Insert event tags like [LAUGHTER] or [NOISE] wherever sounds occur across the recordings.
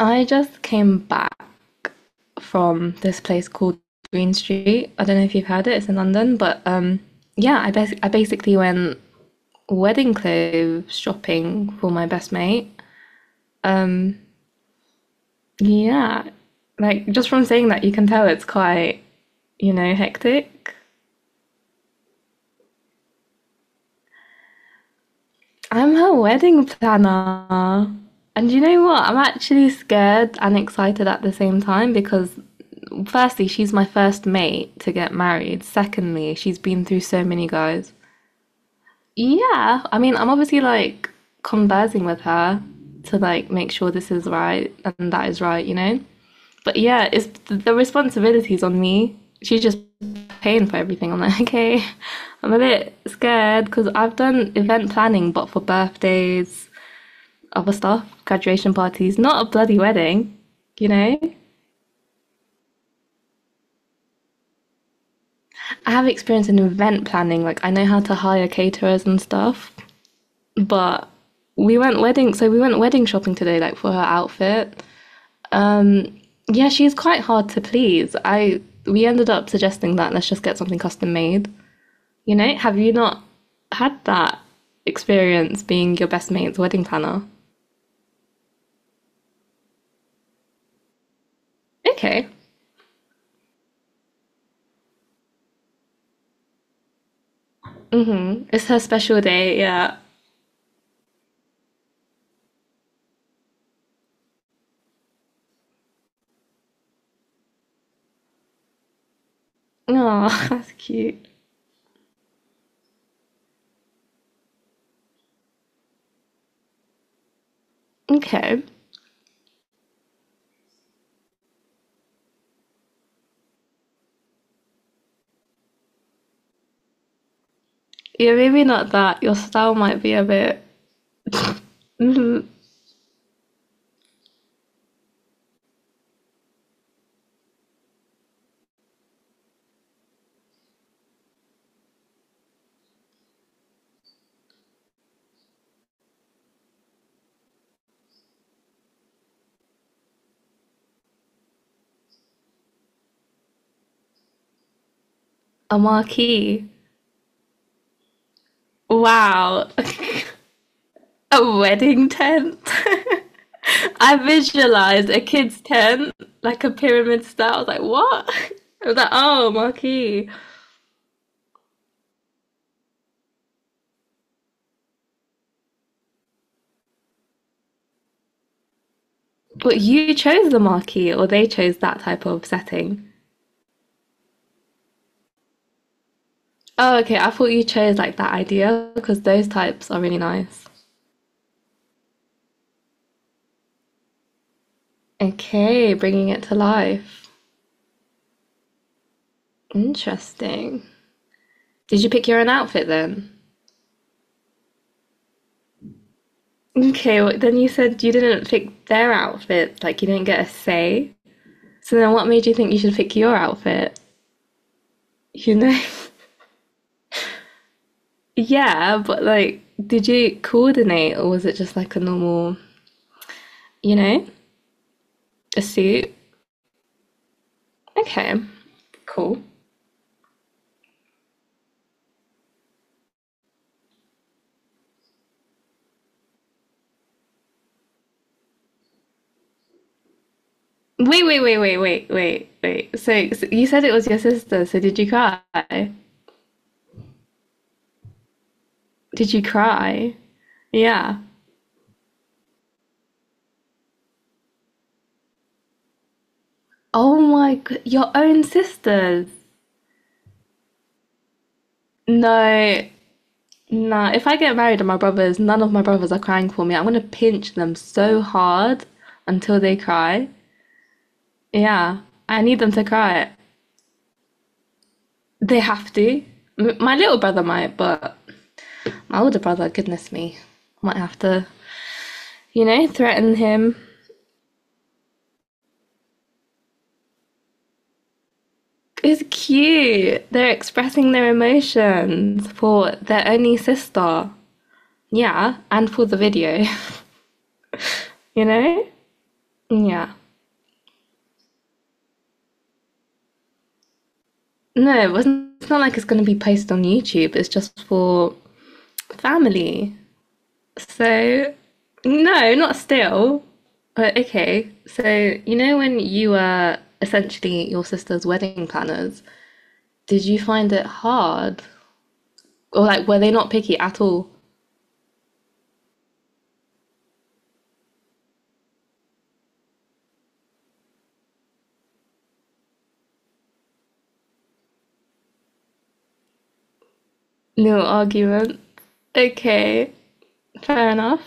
I just came back from this place called Green Street. I don't know if you've heard it, it's in London, but yeah, I basically went wedding clothes shopping for my best mate. Um yeah, like just from saying that you can tell it's quite, hectic. I'm her wedding planner. And you know what? I'm actually scared and excited at the same time because, firstly, she's my first mate to get married. Secondly, she's been through so many guys. Yeah, I mean, I'm obviously like conversing with her to like make sure this is right and that is right, you know? But yeah, it's the responsibility's on me. She's just paying for everything. I'm like, [LAUGHS] okay, I'm a bit scared because I've done event planning, but for birthdays, other stuff, graduation parties, not a bloody wedding, you know? I have experience in event planning, like I know how to hire caterers and stuff. But we went wedding shopping today, like for her outfit. Um, yeah, she's quite hard to please. I We ended up suggesting that let's just get something custom made. You know, have you not had that experience being your best mate's wedding planner? Okay. Mm-hmm. It's her special day, yeah. Oh, [LAUGHS] that's cute. Okay. Yeah, maybe not that. Your style might be a bit. [LAUGHS] A marquee. Wow. [LAUGHS] A wedding tent? [LAUGHS] I visualized a kid's tent, like a pyramid style. I was like, what? [LAUGHS] I was like, oh, marquee. But you chose the marquee, or they chose that type of setting. Oh, okay. I thought you chose like that idea because those types are really nice. Okay, bringing it to life. Interesting. Did you pick your own outfit then? Okay, well, then you said you didn't pick their outfit, like you didn't get a say. So then what made you think you should pick your outfit? You know, [LAUGHS] yeah, but like, did you coordinate or was it just like a normal, you know, a suit? Okay, cool. Wait, wait, wait, wait, wait, wait, wait. So you said it was your sister, so did you cry? Did you cry? Yeah. Oh my god, your own sisters. No, no. If I get married and my brothers, none of my brothers are crying for me. I'm gonna pinch them so hard until they cry. Yeah, I need them to cry. They have to. My little brother might, but my older brother, goodness me, might have to, you know, threaten him. It's cute. They're expressing their emotions for their only sister. Yeah, and for the video, [LAUGHS] you know? Yeah. No, it wasn't, it's not like it's going to be posted on YouTube. It's just for family. So, no, not still. But okay. So, you know, when you were essentially your sister's wedding planners, did you find it hard? Or, like, were they not picky at all? No argument. Okay. Fair enough.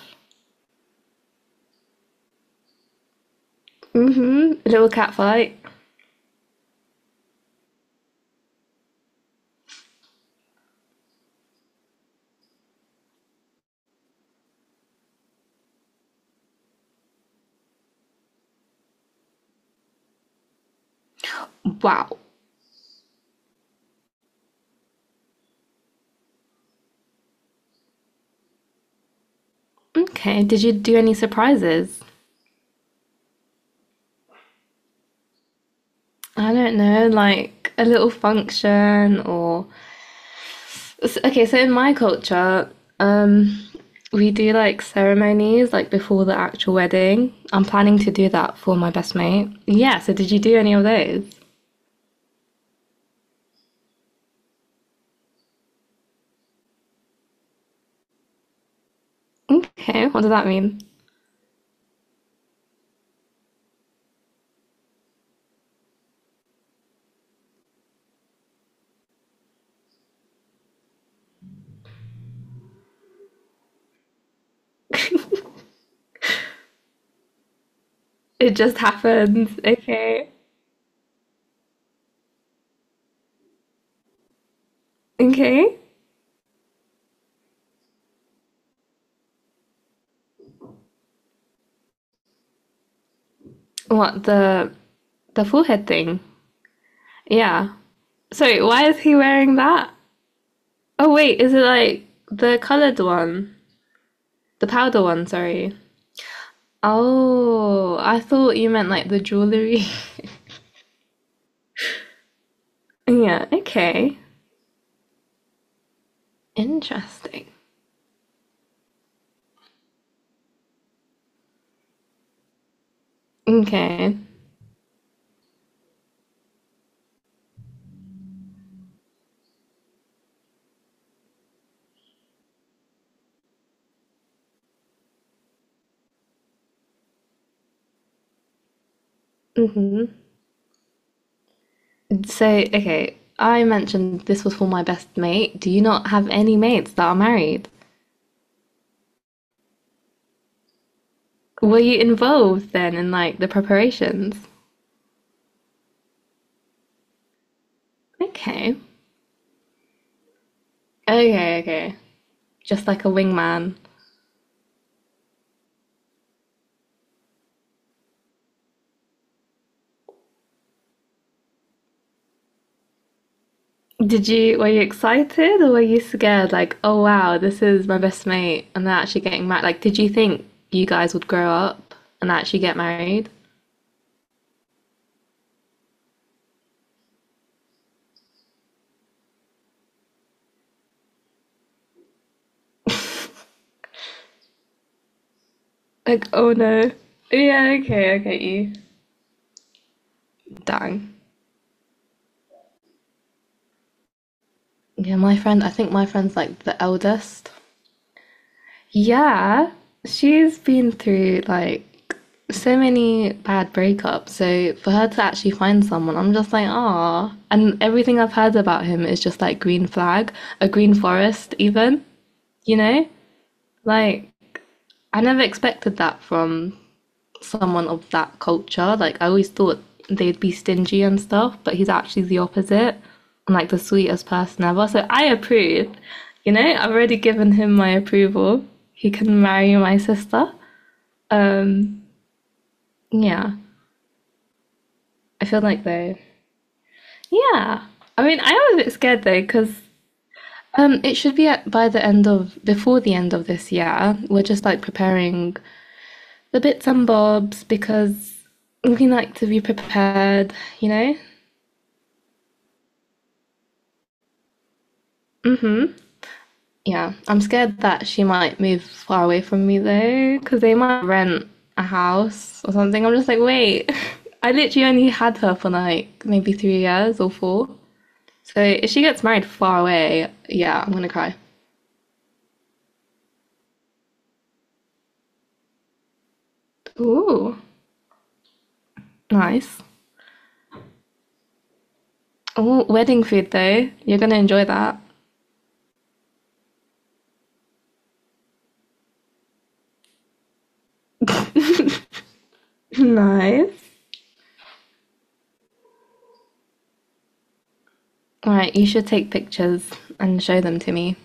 Hmm. Little cat fight. Wow. Okay. Did you do any surprises? I don't know, like a little function or. Okay, so in my culture, um, we do like ceremonies like before the actual wedding. I'm planning to do that for my best mate. Yeah, so did you do any of those? Okay, what does that mean? It just happens. Okay. Okay. What, the forehead thing? Yeah. Sorry, why is he wearing that? Oh wait, is it like the colored one? The powder one, sorry. Oh, I thought you meant like the jewelry. [LAUGHS] Yeah, okay. Interesting. Okay. Hmm. So, okay, I mentioned this was for my best mate. Do you not have any mates that are married? Were you involved then in like the preparations? Okay. Okay, okay. Just like a wingman. Were you excited or were you scared? Like, oh wow, this is my best mate and they're actually getting married. Like, did you think you guys would grow up and actually get married? Like, oh no. Yeah, okay, I get you. Dang. Yeah, my friend, I think my friend's like the eldest. Yeah, she's been through like so many bad breakups. So for her to actually find someone, I'm just like, ah. And everything I've heard about him is just like green flag, a green forest even, you know? Like I never expected that from someone of that culture. Like I always thought they'd be stingy and stuff, but he's actually the opposite and like the sweetest person ever. So I approve. You know, I've already given him my approval. He can marry my sister. Um, yeah, I feel like though. Yeah, I mean, I am a bit scared though because it should be by the end of before the end of this year. We're just like preparing the bits and bobs because we like to be prepared. You know. Hmm? Yeah, I'm scared that she might move far away from me though, because they might rent a house or something. I'm just like, wait, [LAUGHS] I literally only had her for like maybe 3 years or four. So if she gets married far away, yeah, I'm gonna cry. Ooh, nice. Oh, wedding food though. You're gonna enjoy that. [LAUGHS] Nice. All right, you should take pictures and show them to me.